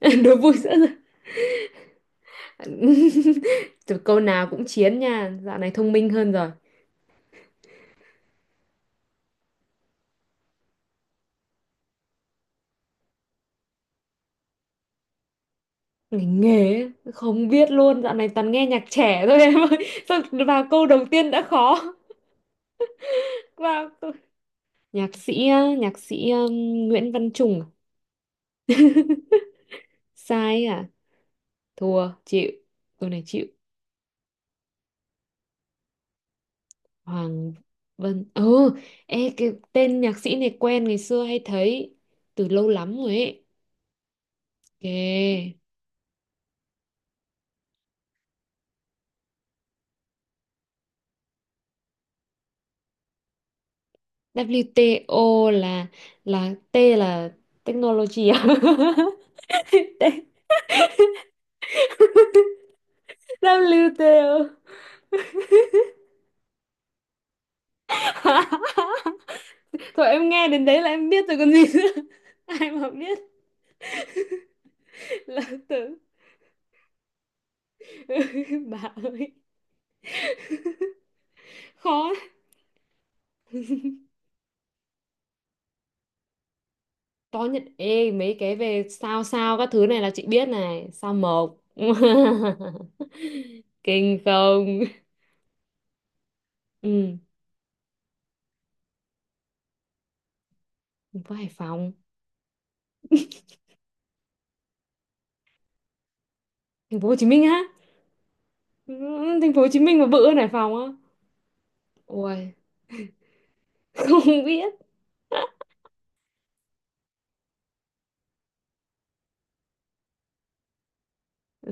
Đố vui sữa rồi. Từ câu nào cũng chiến nha, dạo này thông minh hơn rồi. Ngành nghề ấy, không biết luôn, dạo này toàn nghe nhạc trẻ thôi em ơi. Sao vào câu đầu tiên đã khó. vào câu... Nhạc sĩ á, nhạc sĩ Nguyễn Văn Trùng à? Sai à? Thua, chịu. Câu này chịu. Hoàng Vân. Ừ, ê cái tên nhạc sĩ này quen, ngày xưa hay thấy từ lâu lắm rồi ấy. Kìa. WTO là T là technology à? WTO. Thôi em nghe đến đấy là em biết rồi còn gì nữa. Ai mà biết, là tưởng. Bà ơi, khó. Có nhận, ê mấy cái về sao, sao các thứ này là chị biết này, sao mộc. Kinh không? Ừ, thành phố Hải Phòng, thành phố Hồ Chí Minh á. Ừ, thành phố Hồ Chí Minh mà bự hơn Hải Phòng á? Ui, không biết.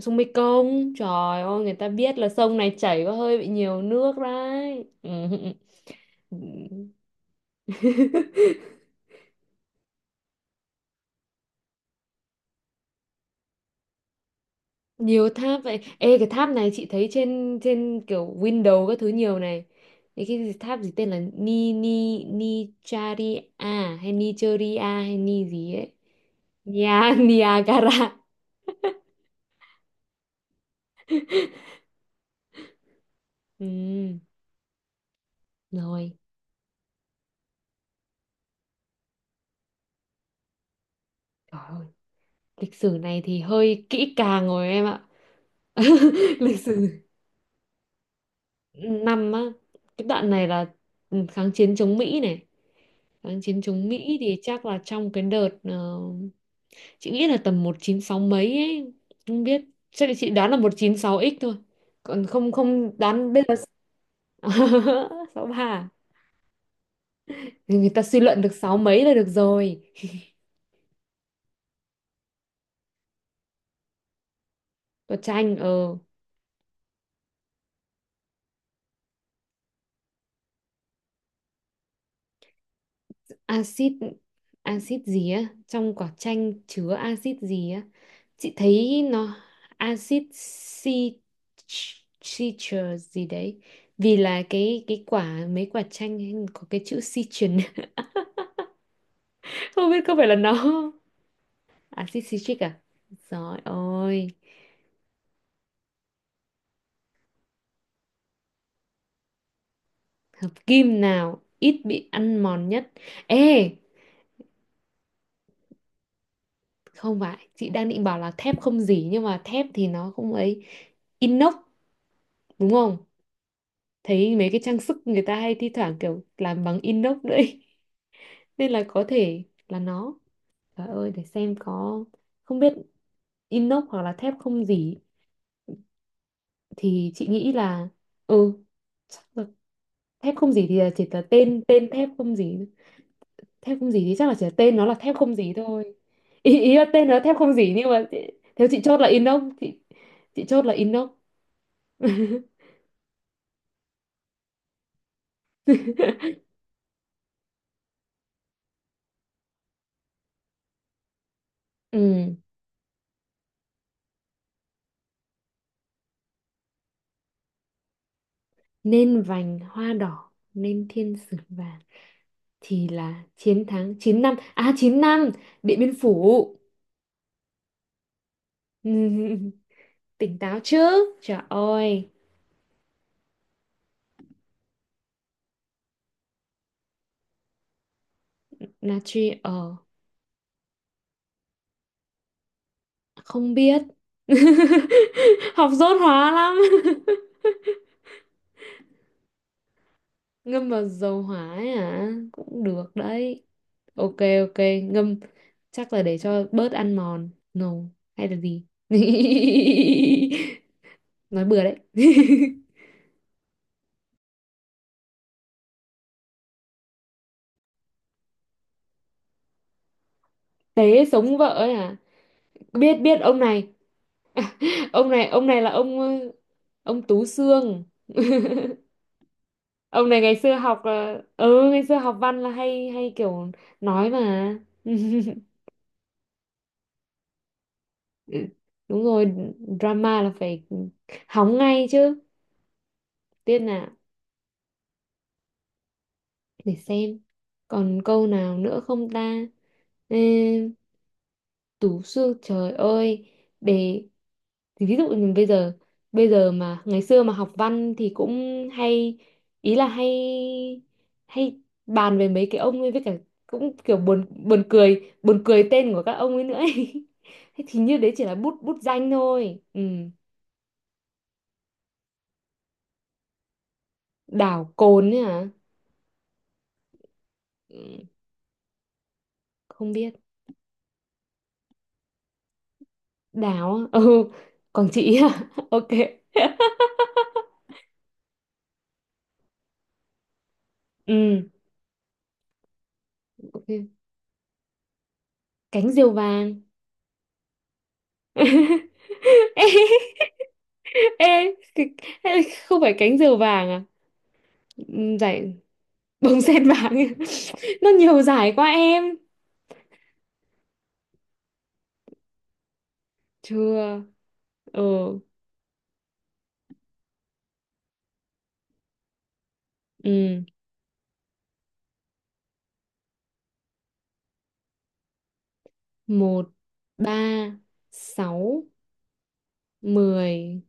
Sông Mekong, trời ơi, người ta biết là sông này chảy có hơi bị nhiều nước đấy. Ừ. Nhiều tháp vậy, ê cái tháp này chị thấy trên trên kiểu window các thứ nhiều này. Tháp gì tên là ni ni ni charia hay nigeria hay ni gì ấy. Nia. Niagara. Ừ. Rồi, trời ơi. Lịch sử này thì hơi kỹ càng rồi em ạ. Lịch sử, năm á. Cái đoạn này là, ừ, kháng chiến chống Mỹ này, kháng chiến chống Mỹ thì chắc là trong cái đợt, chị nghĩ là tầm 196 mấy ấy, không biết, chắc là chị đoán là một chín sáu x thôi, còn không không đoán bây giờ. Ba. Người ta suy luận được sáu mấy là được rồi. Có tranh. Ờ axit axit gì á, trong quả chanh chứa axit gì á. Chị thấy nó axit citral gì đấy, vì là cái quả mấy quả chanh ấy có cái chữ citrin. Không biết có phải là nó không? Axit citric à. Rồi ôi. Hợp kim nào ít bị ăn mòn nhất? Ê, không phải chị đang định bảo là thép không dỉ, nhưng mà thép thì nó không ấy. Inox, đúng không? Thấy mấy cái trang sức người ta hay thi thoảng kiểu làm bằng inox đấy. Nên là có thể là nó. Trời ơi, để xem có, không biết. Inox hoặc là thép không gì, thì chị nghĩ là, ừ, chắc là, thép không gì thì là chỉ là tên tên thép không gì. Thép không gì thì chắc là chỉ là tên nó là thép không gì thôi. Ý là tên nó là thép không gì, nhưng mà chị, theo chị chốt là inox chị chốt là inox. Ừ, nên vành hoa đỏ nên thiên sứ vàng, thì là chiến thắng 9 năm à 9 năm Điện Biên Phủ. Ừ, tỉnh táo chứ. Trời ơi. Natri không biết. Học dốt hóa lắm. Ngâm vào dầu hỏa ấy hả, cũng được đấy. Ok, ok. Ngâm chắc là để cho bớt ăn mòn no, hay là gì. Nói bừa đấy. Tế sống vợ ấy à? Biết, biết ông này. Ông này, ông này là ông, ông Tú Xương. Ông này ngày xưa học văn là hay hay kiểu nói mà. Ừ, đúng rồi. Drama là phải hóng ngay chứ. Tiên nào, để xem còn câu nào nữa không ta. Ê, Tú Xương trời ơi. Để thì, ví dụ như bây giờ mà ngày xưa mà học văn thì cũng hay, ý là hay hay bàn về mấy cái ông ấy với cả, cũng kiểu buồn buồn cười, buồn cười tên của các ông ấy nữa ấy. Thế thì như đấy chỉ là bút bút danh thôi. Ừ. Đảo Cồn ấy hả? Ừ, không biết. Đảo á? Ừ. Quảng Trị à? Ok. Ừ. Ok. Cánh diều vàng. Ê, ê, cái- ê, không phải cánh diều vàng à? Ừ, giải bông sen vàng. Nó nhiều giải quá em. Chưa. ờ ừ. Một, ba, sáu, 10,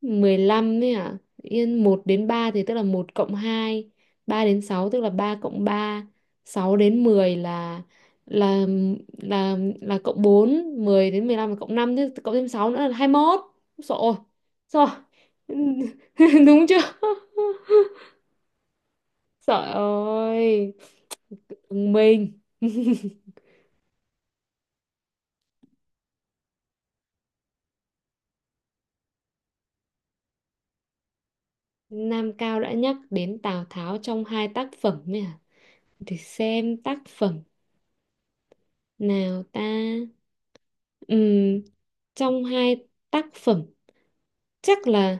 15 đấy à? Yên, một đến ba thì tức là một cộng hai, ba đến sáu tức là ba cộng ba, sáu đến 10 là là cộng bốn, 10 đến 15 là cộng năm, thế cộng thêm sáu nữa là 21. Sợ rồi. Đúng chưa? Trời ơi. Thông minh. Nam Cao đã nhắc đến Tào Tháo trong hai tác phẩm nhỉ? Để xem tác phẩm nào ta. Ừm, trong hai tác phẩm chắc là,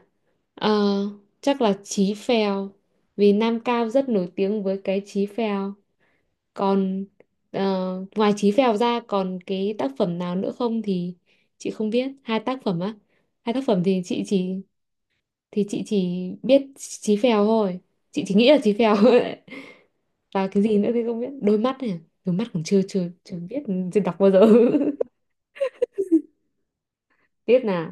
ờ, chắc là Chí Phèo vì Nam Cao rất nổi tiếng với cái Chí Phèo. Còn, ngoài Chí Phèo ra còn cái tác phẩm nào nữa không thì chị không biết. Hai tác phẩm á? Hai tác phẩm thì chị chỉ biết Chí Phèo thôi, chị chỉ nghĩ là Chí Phèo thôi đấy. Và cái gì nữa thì không biết, đôi mắt này à? Đôi mắt còn chưa chưa chưa biết, chưa đọc bao giờ. Biết nào.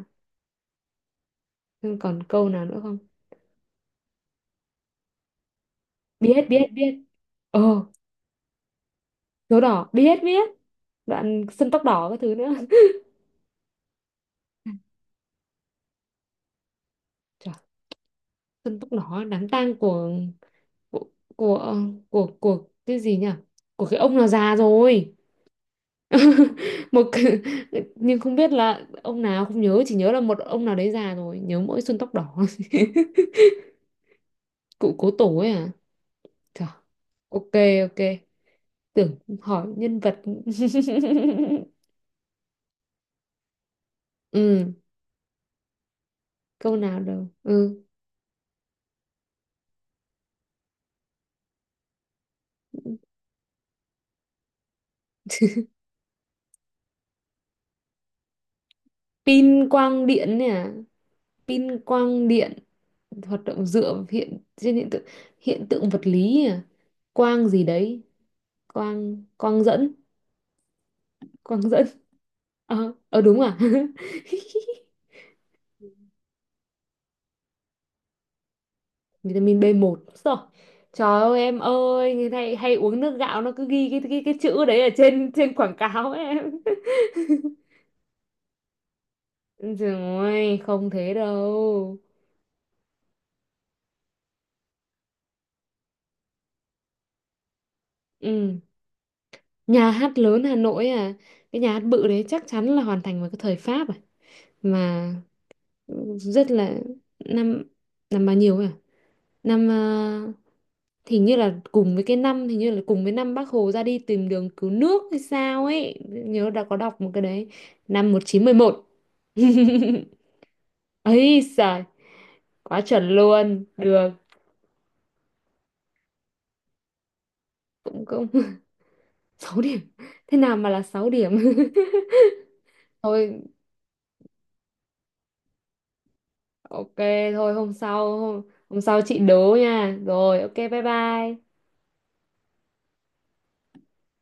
Nhưng còn câu nào nữa không? Biết, biết, biết. Ồ, số đỏ, biết, biết đoạn sân tóc đỏ các thứ nữa. Trời, sân tóc đỏ, đám tang của của ờ, của cái gì nhỉ, của cái ông nào già rồi. một cái- nhưng không biết là ông nào, không nhớ, chỉ nhớ là một ông nào đấy già rồi, nhớ mỗi xuân tóc đỏ. Cụ cố tổ ấy à? Trời, ok, ok. Tưởng hỏi nhân vật. Ừ, câu nào đâu. Ừ. Pin quang điện này à? Pin quang điện hoạt động dựa trên hiện tượng vật lý à? Quang gì đấy? Quang quang dẫn, quang dẫn. Đúng à? Vitamin B1, rồi, trời ơi em ơi, người này hay uống nước gạo nó cứ ghi cái chữ đấy ở trên trên quảng cáo ấy em. Trời ơi, không thế đâu. Ừ. Nhà hát lớn Hà Nội à, cái nhà hát bự đấy chắc chắn là hoàn thành vào cái thời Pháp à. Mà rất là, năm, năm bao nhiêu ấy à? Năm ờ, hình như là cùng với năm Bác Hồ ra đi tìm đường cứu nước hay sao ấy. Nhớ đã có đọc một cái đấy, năm 1911. Ấy giời, quá chuẩn luôn. Được, cũng cũng 6 điểm. Thế nào mà là 6 điểm? Thôi. Ok, thôi hôm sau chị đố nha. Rồi ok, bye bye.